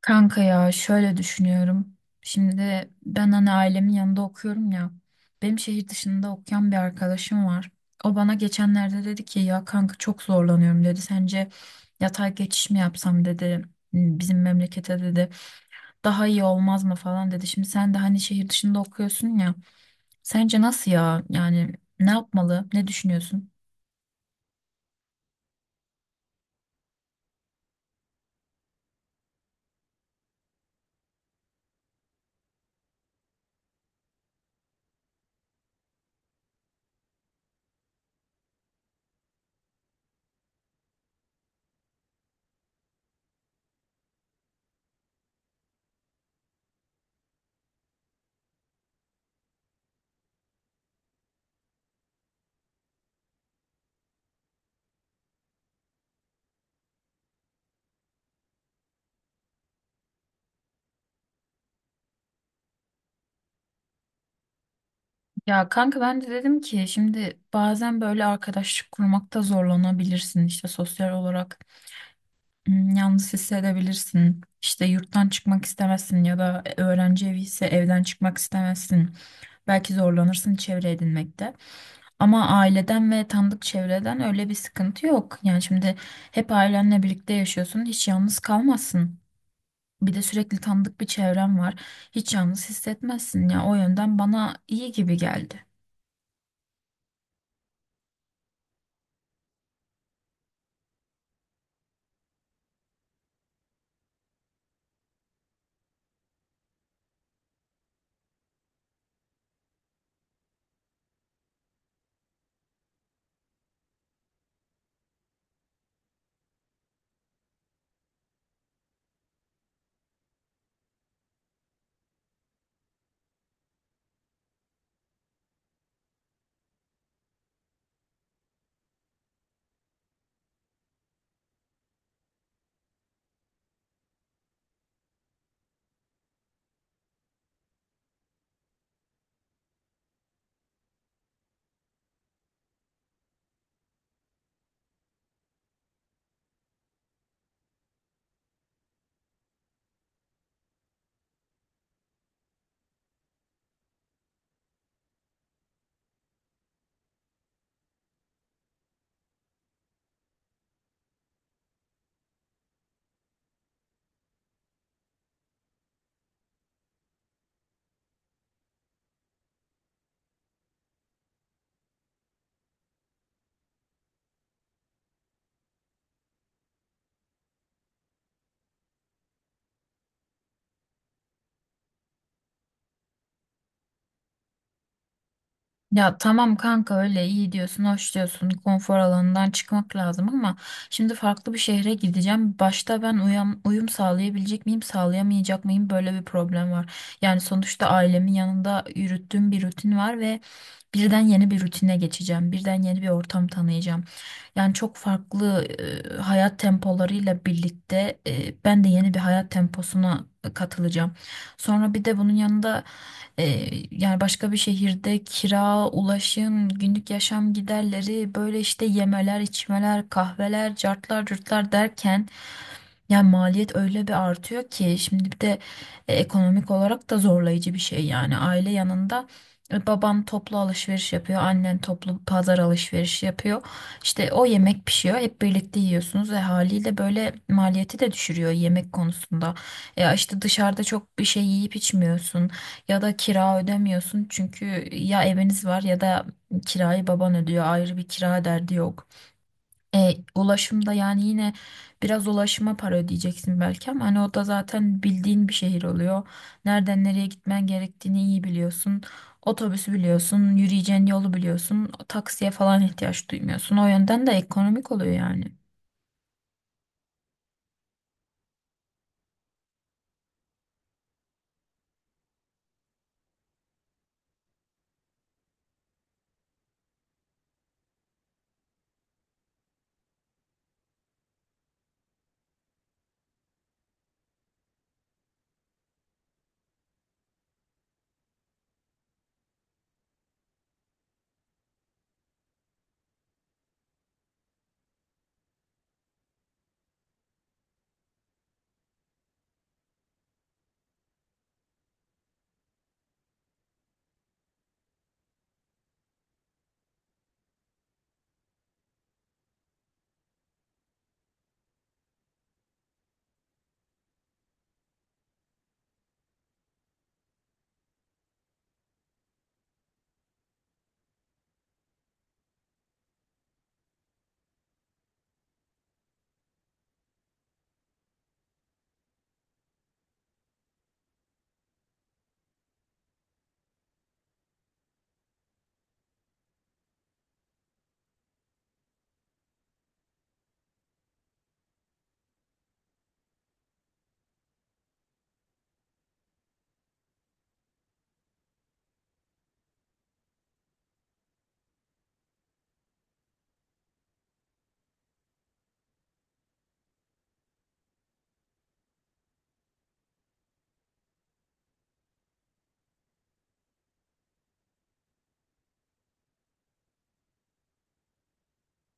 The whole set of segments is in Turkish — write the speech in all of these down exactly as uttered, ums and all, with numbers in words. Kanka ya şöyle düşünüyorum. Şimdi ben hani ailemin yanında okuyorum ya. Benim şehir dışında okuyan bir arkadaşım var. O bana geçenlerde dedi ki ya kanka çok zorlanıyorum dedi. Sence yatay geçiş mi yapsam dedi. "Hmm, bizim memlekete dedi. Daha iyi olmaz mı falan dedi. Şimdi sen de hani şehir dışında okuyorsun ya. Sence nasıl ya? Yani ne yapmalı? Ne düşünüyorsun? Ya kanka ben de dedim ki şimdi bazen böyle arkadaşlık kurmakta zorlanabilirsin işte sosyal olarak. Hmm, yalnız hissedebilirsin. İşte yurttan çıkmak istemezsin ya da öğrenci evi ise evden çıkmak istemezsin. Belki zorlanırsın çevre edinmekte. Ama aileden ve tanıdık çevreden öyle bir sıkıntı yok. Yani şimdi hep ailenle birlikte yaşıyorsun, hiç yalnız kalmazsın. Bir de sürekli tanıdık bir çevren var. Hiç yalnız hissetmezsin ya. O yönden bana iyi gibi geldi. Ya tamam kanka öyle iyi diyorsun, hoş diyorsun, konfor alanından çıkmak lazım ama şimdi farklı bir şehre gideceğim. Başta ben uyum, uyum sağlayabilecek miyim, sağlayamayacak mıyım böyle bir problem var. Yani sonuçta ailemin yanında yürüttüğüm bir rutin var ve birden yeni bir rutine geçeceğim. Birden yeni bir ortam tanıyacağım. Yani çok farklı e, hayat tempolarıyla birlikte e, ben de yeni bir hayat temposuna katılacağım. Sonra bir de bunun yanında ee, yani başka bir şehirde kira, ulaşım, günlük yaşam giderleri, böyle işte yemeler, içmeler, kahveler, cartlar, curtlar derken yani maliyet öyle bir artıyor ki şimdi bir de e, ekonomik olarak da zorlayıcı bir şey yani aile yanında e, baban toplu alışveriş yapıyor, annen toplu pazar alışverişi yapıyor. İşte o yemek pişiyor, hep birlikte yiyorsunuz ve haliyle böyle maliyeti de düşürüyor yemek konusunda. Ya işte dışarıda çok bir şey yiyip içmiyorsun. Ya da kira ödemiyorsun çünkü ya eviniz var ya da kirayı baban ödüyor, ayrı bir kira derdi yok. E, ulaşımda yani yine biraz ulaşıma para ödeyeceksin belki ama hani o da zaten bildiğin bir şehir oluyor. Nereden nereye gitmen gerektiğini iyi biliyorsun. Otobüsü biliyorsun, yürüyeceğin yolu biliyorsun, taksiye falan ihtiyaç duymuyorsun. O yönden de ekonomik oluyor yani.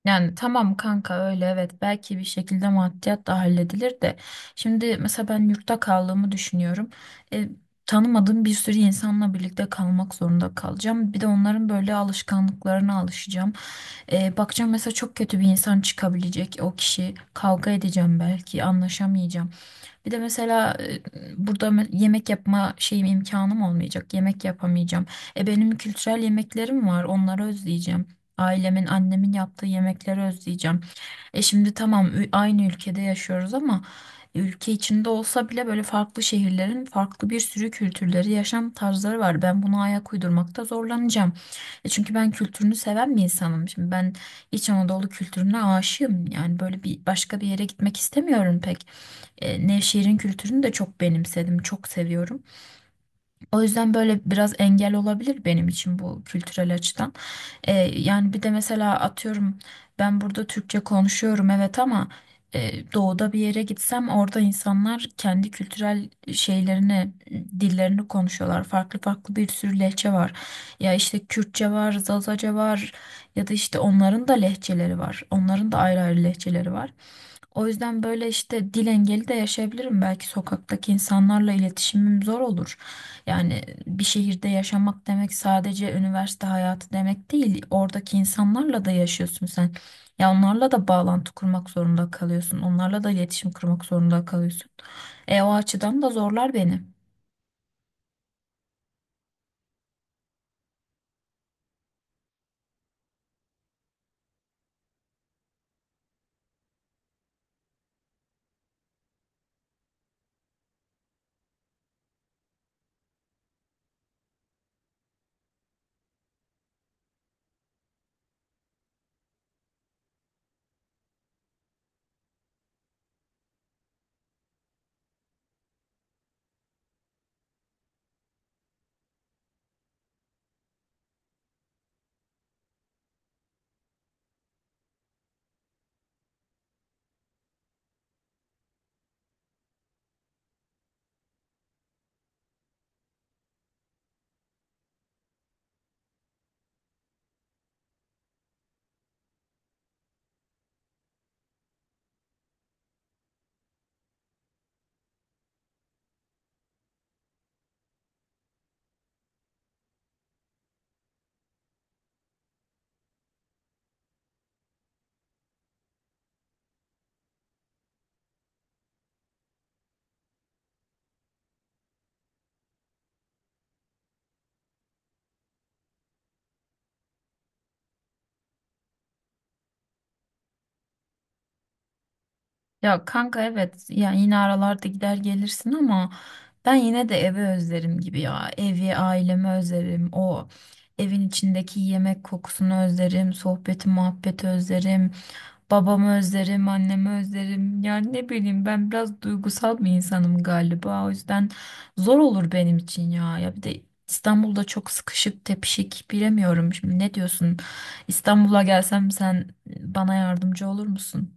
Yani tamam kanka öyle evet, belki bir şekilde maddiyat da halledilir de şimdi mesela ben yurtta kaldığımı düşünüyorum. E, Tanımadığım bir sürü insanla birlikte kalmak zorunda kalacağım. Bir de onların böyle alışkanlıklarına alışacağım. E, bakacağım mesela çok kötü bir insan çıkabilecek, o kişi kavga edeceğim belki anlaşamayacağım. Bir de mesela e, burada me- yemek yapma şeyim, imkanım olmayacak. Yemek yapamayacağım. E benim kültürel yemeklerim var. Onları özleyeceğim. Ailemin, annemin yaptığı yemekleri özleyeceğim. E şimdi tamam ü- aynı ülkede yaşıyoruz ama ülke içinde olsa bile böyle farklı şehirlerin farklı bir sürü kültürleri, yaşam tarzları var. Ben buna ayak uydurmakta zorlanacağım. E çünkü ben kültürünü seven bir insanım. Şimdi ben İç Anadolu kültürüne aşığım. Yani böyle bir başka bir yere gitmek istemiyorum pek. e, Nevşehir'in kültürünü de çok benimsedim, çok seviyorum. O yüzden böyle biraz engel olabilir benim için bu kültürel açıdan. E, yani bir de mesela atıyorum ben burada Türkçe konuşuyorum evet ama e, doğuda bir yere gitsem orada insanlar kendi kültürel şeylerini, dillerini konuşuyorlar. Farklı farklı bir sürü lehçe var. Ya işte Kürtçe var, Zazaca var ya da işte onların da lehçeleri var. Onların da ayrı ayrı lehçeleri var. O yüzden böyle işte dil engeli de yaşayabilirim. Belki sokaktaki insanlarla iletişimim zor olur. Yani bir şehirde yaşamak demek sadece üniversite hayatı demek değil. Oradaki insanlarla da yaşıyorsun sen. Ya onlarla da bağlantı kurmak zorunda kalıyorsun. Onlarla da iletişim kurmak zorunda kalıyorsun. E o açıdan da zorlar beni. Ya kanka evet, yani yine aralarda gider gelirsin ama ben yine de evi özlerim gibi ya. Evi, ailemi özlerim. O evin içindeki yemek kokusunu özlerim. Sohbeti, muhabbeti özlerim. Babamı özlerim, annemi özlerim. Yani ne bileyim ben biraz duygusal bir insanım galiba. O yüzden zor olur benim için ya. Ya bir de İstanbul'da çok sıkışık, tepişik bilemiyorum. Şimdi ne diyorsun? İstanbul'a gelsem sen bana yardımcı olur musun?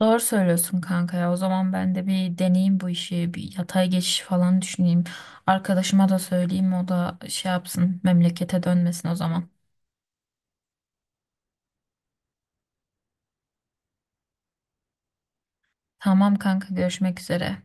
Doğru söylüyorsun kanka ya. O zaman ben de bir deneyeyim bu işi. Bir yatay geçiş falan düşüneyim. Arkadaşıma da söyleyeyim, o da şey yapsın, memlekete dönmesin o zaman. Tamam kanka, görüşmek üzere.